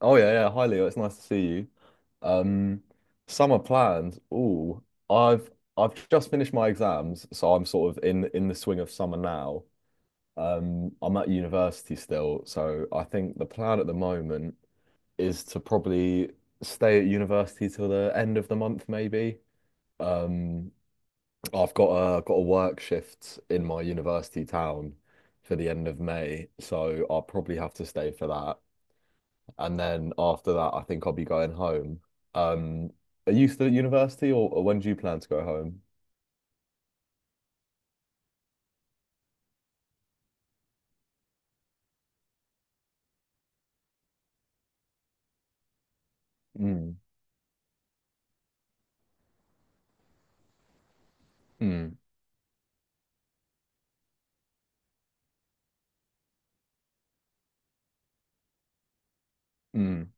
Oh yeah, yeah. Hi Leo, it's nice to see you. Um, Summer plans. Oh, I've I've just finished my exams, so I'm sort of in the swing of summer now. I'm at university still, so I think the plan at the moment is to probably stay at university till the end of the month, maybe. Um, I've got a work shift in my university town for the end of May, so I'll probably have to stay for that and then after that, I think I'll be going home. Um, are you still at university, or when do you plan to go home? Mm, mm, mm.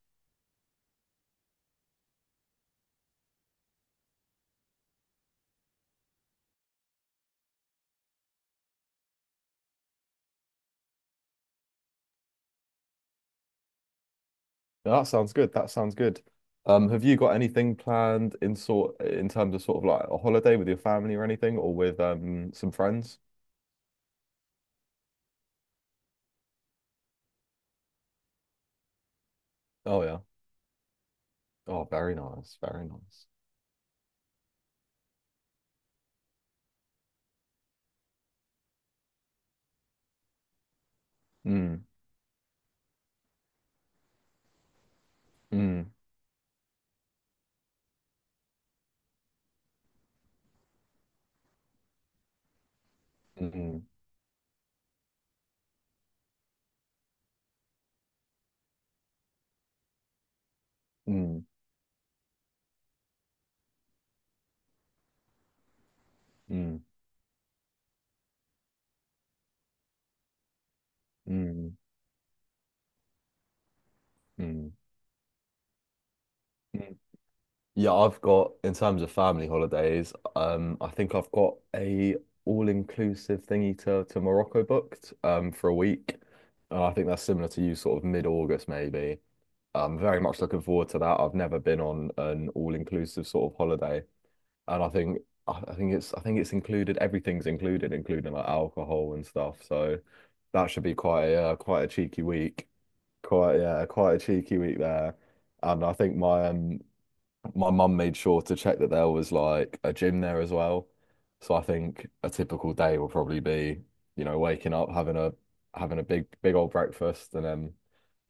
Yeah, that sounds good. That sounds good. Have you got anything planned in sort in terms of sort of like a holiday with your family or anything, or with some friends? Oh yeah. Oh, very nice. Very nice. Mm, mm, mm, mm, mm, mm, mm, mm. Yeah, I've got, in terms of family holidays, I think I've got a all-inclusive thingy to Morocco booked for a week. And I think that's similar to you, sort of mid-August maybe. I'm very much looking forward to that. I've never been on an all-inclusive sort of holiday, and I think it's included. Everything's included, including like alcohol and stuff. So that should be quite a quite a cheeky week. Quite yeah, quite a cheeky week there. And I think my mum made sure to check that there was like a gym there as well. So I think a typical day will probably be, you know, waking up, having a big old breakfast and then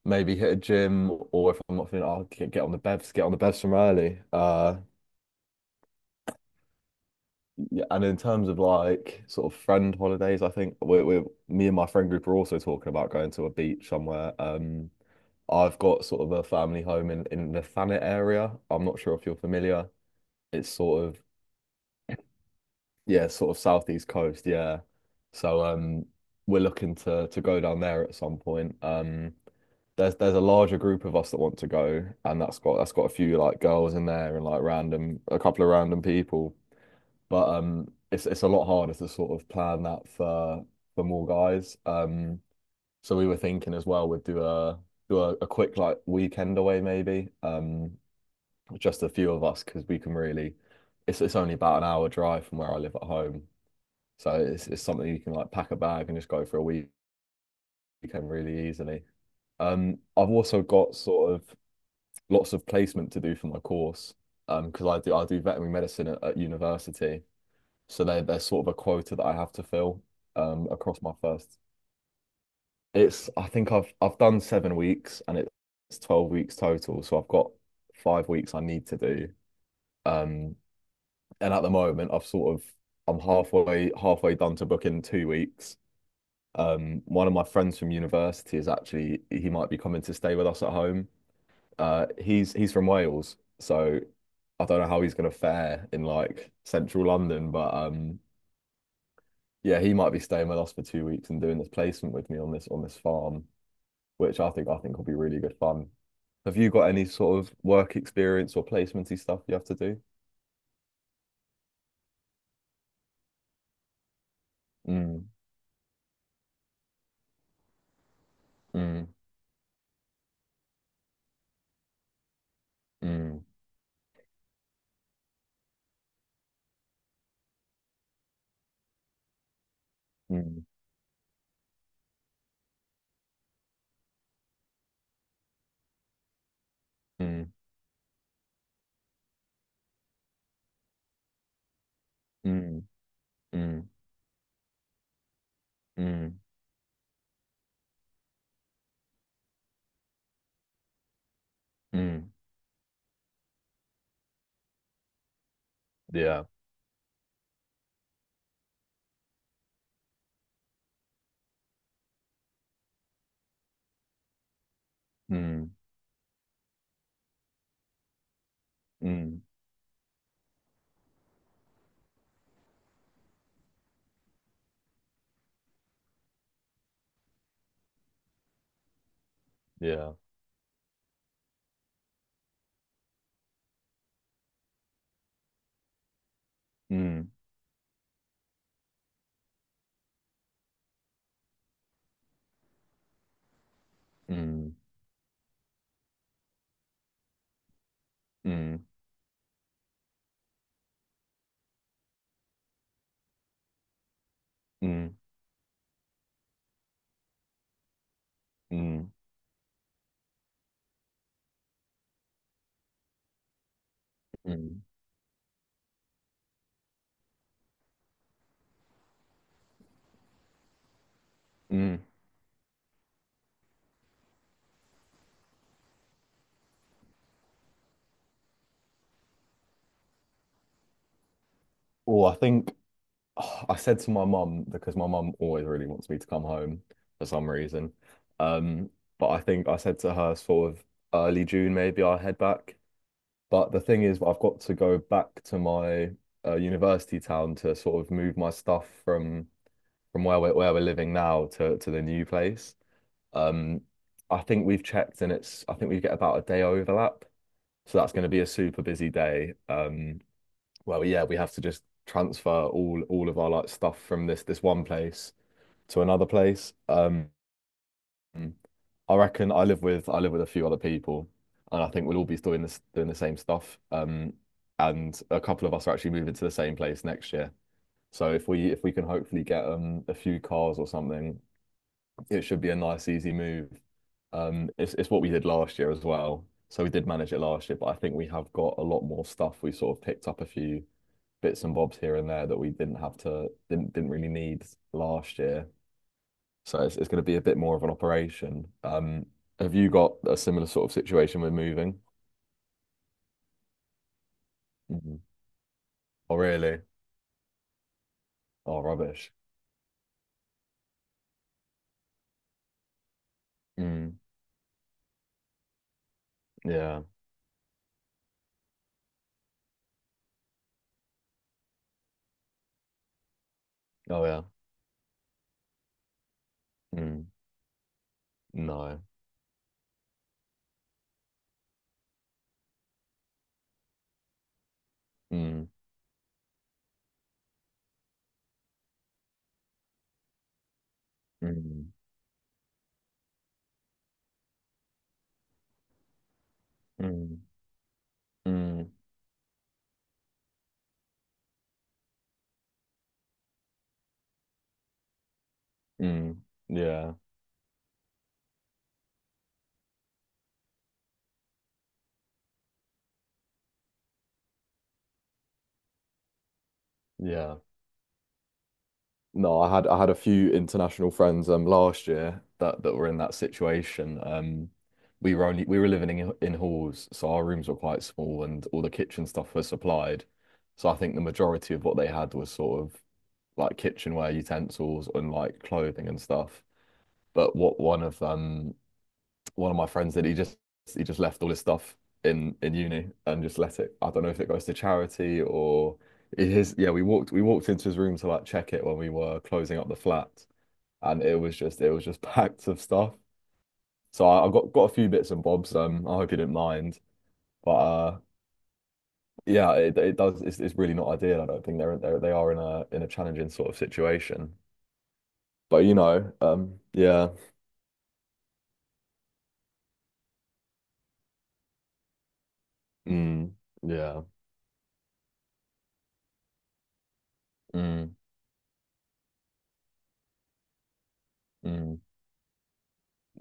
maybe hit a gym or if I'm not feeling, I'll get on the bevs, get on the bevs from early. Yeah, and in terms of like sort of friend holidays, we're me and my friend group are also talking about going to a beach somewhere. I've got sort of a family home in the Thanet area. I'm not sure if you're familiar. It's sort of yeah, sort of southeast coast, yeah. So we're looking to go down there at some point. There's a larger group of us that want to go and that's got a few like girls in there and like random a couple of random people. But it's a lot harder to sort of plan that for more guys. So we were thinking as well we'd do a quick like weekend away maybe. Just a few of us because we can really it's only about an hour drive from where I live at home. So it's something you can like pack a bag and just go for a weekend really easily. I've also got sort of lots of placement to do for my course because I do veterinary medicine at university. So there's sort of a quota that I have to fill across my first. It's I think I've done 7 weeks and it's 12 weeks total. So I've got 5 weeks I need to do. Um, and at the moment I've sort of I'm halfway done to book in 2 weeks. One of my friends from university is actually he might be coming to stay with us at home. He's from Wales, so I don't know how he's gonna fare in like central London, but yeah, he might be staying with us for 2 weeks and doing this placement with me on this farm, which I think will be really good fun. Have you got any sort of work experience or placementy stuff you have to do? Mm, mm, mm, mm, mm, mm, mm, mm, mm. Mm. Yeah. Mm, mm, yeah. Mm, mm, mm, mm, mm, mm, mm. Oh, I think I said to my mum because my mum always really wants me to come home for some reason. Um, but I think I said to her sort of early June maybe I'll head back. But the thing is, I've got to go back to my university town to sort of move my stuff from where we're living now to the new place. Um, I think we've checked and it's I think we get about a day overlap. So that's going to be a super busy day. Well, yeah, we have to just transfer all of our like stuff from this one place to another place. I reckon I live with a few other people, and I think we'll all be doing the same stuff. And a couple of us are actually moving to the same place next year. So if we can hopefully get a few cars or something it should be a nice, easy move. It's what we did last year as well. So we did manage it last year, but I think we have got a lot more stuff. We sort of picked up a few bits and bobs here and there that we didn't have to didn't really need last year. So it's going to be a bit more of an operation. Have you got a similar sort of situation with moving? Mm. Oh, really? Oh, rubbish. Mm. Yeah. Oh, yeah. Mm. No. Mm. Mm. Mm. Mm. Mm. Yeah. Yeah. No, I had a few international friends last year that were in that situation. We were living in halls, so our rooms were quite small, and all the kitchen stuff was supplied. So I think the majority of what they had was sort of like kitchenware utensils and like clothing and stuff. But what one of my friends did, he just left all his stuff in uni and just let it. I don't know if it goes to charity or. His, yeah, we walked into his room to like check it when we were closing up the flat, and it was just packed of stuff. So I got a few bits and bobs. I hope you didn't mind, but yeah, it does. It's really not ideal. I don't think they are in a challenging sort of situation. But you know, mm, yeah, mm, mm,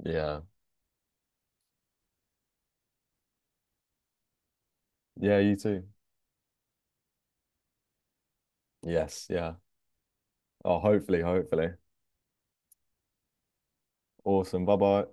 yeah, yeah. You too. Yes, yeah. Oh, hopefully, hopefully. Awesome. Bye bye.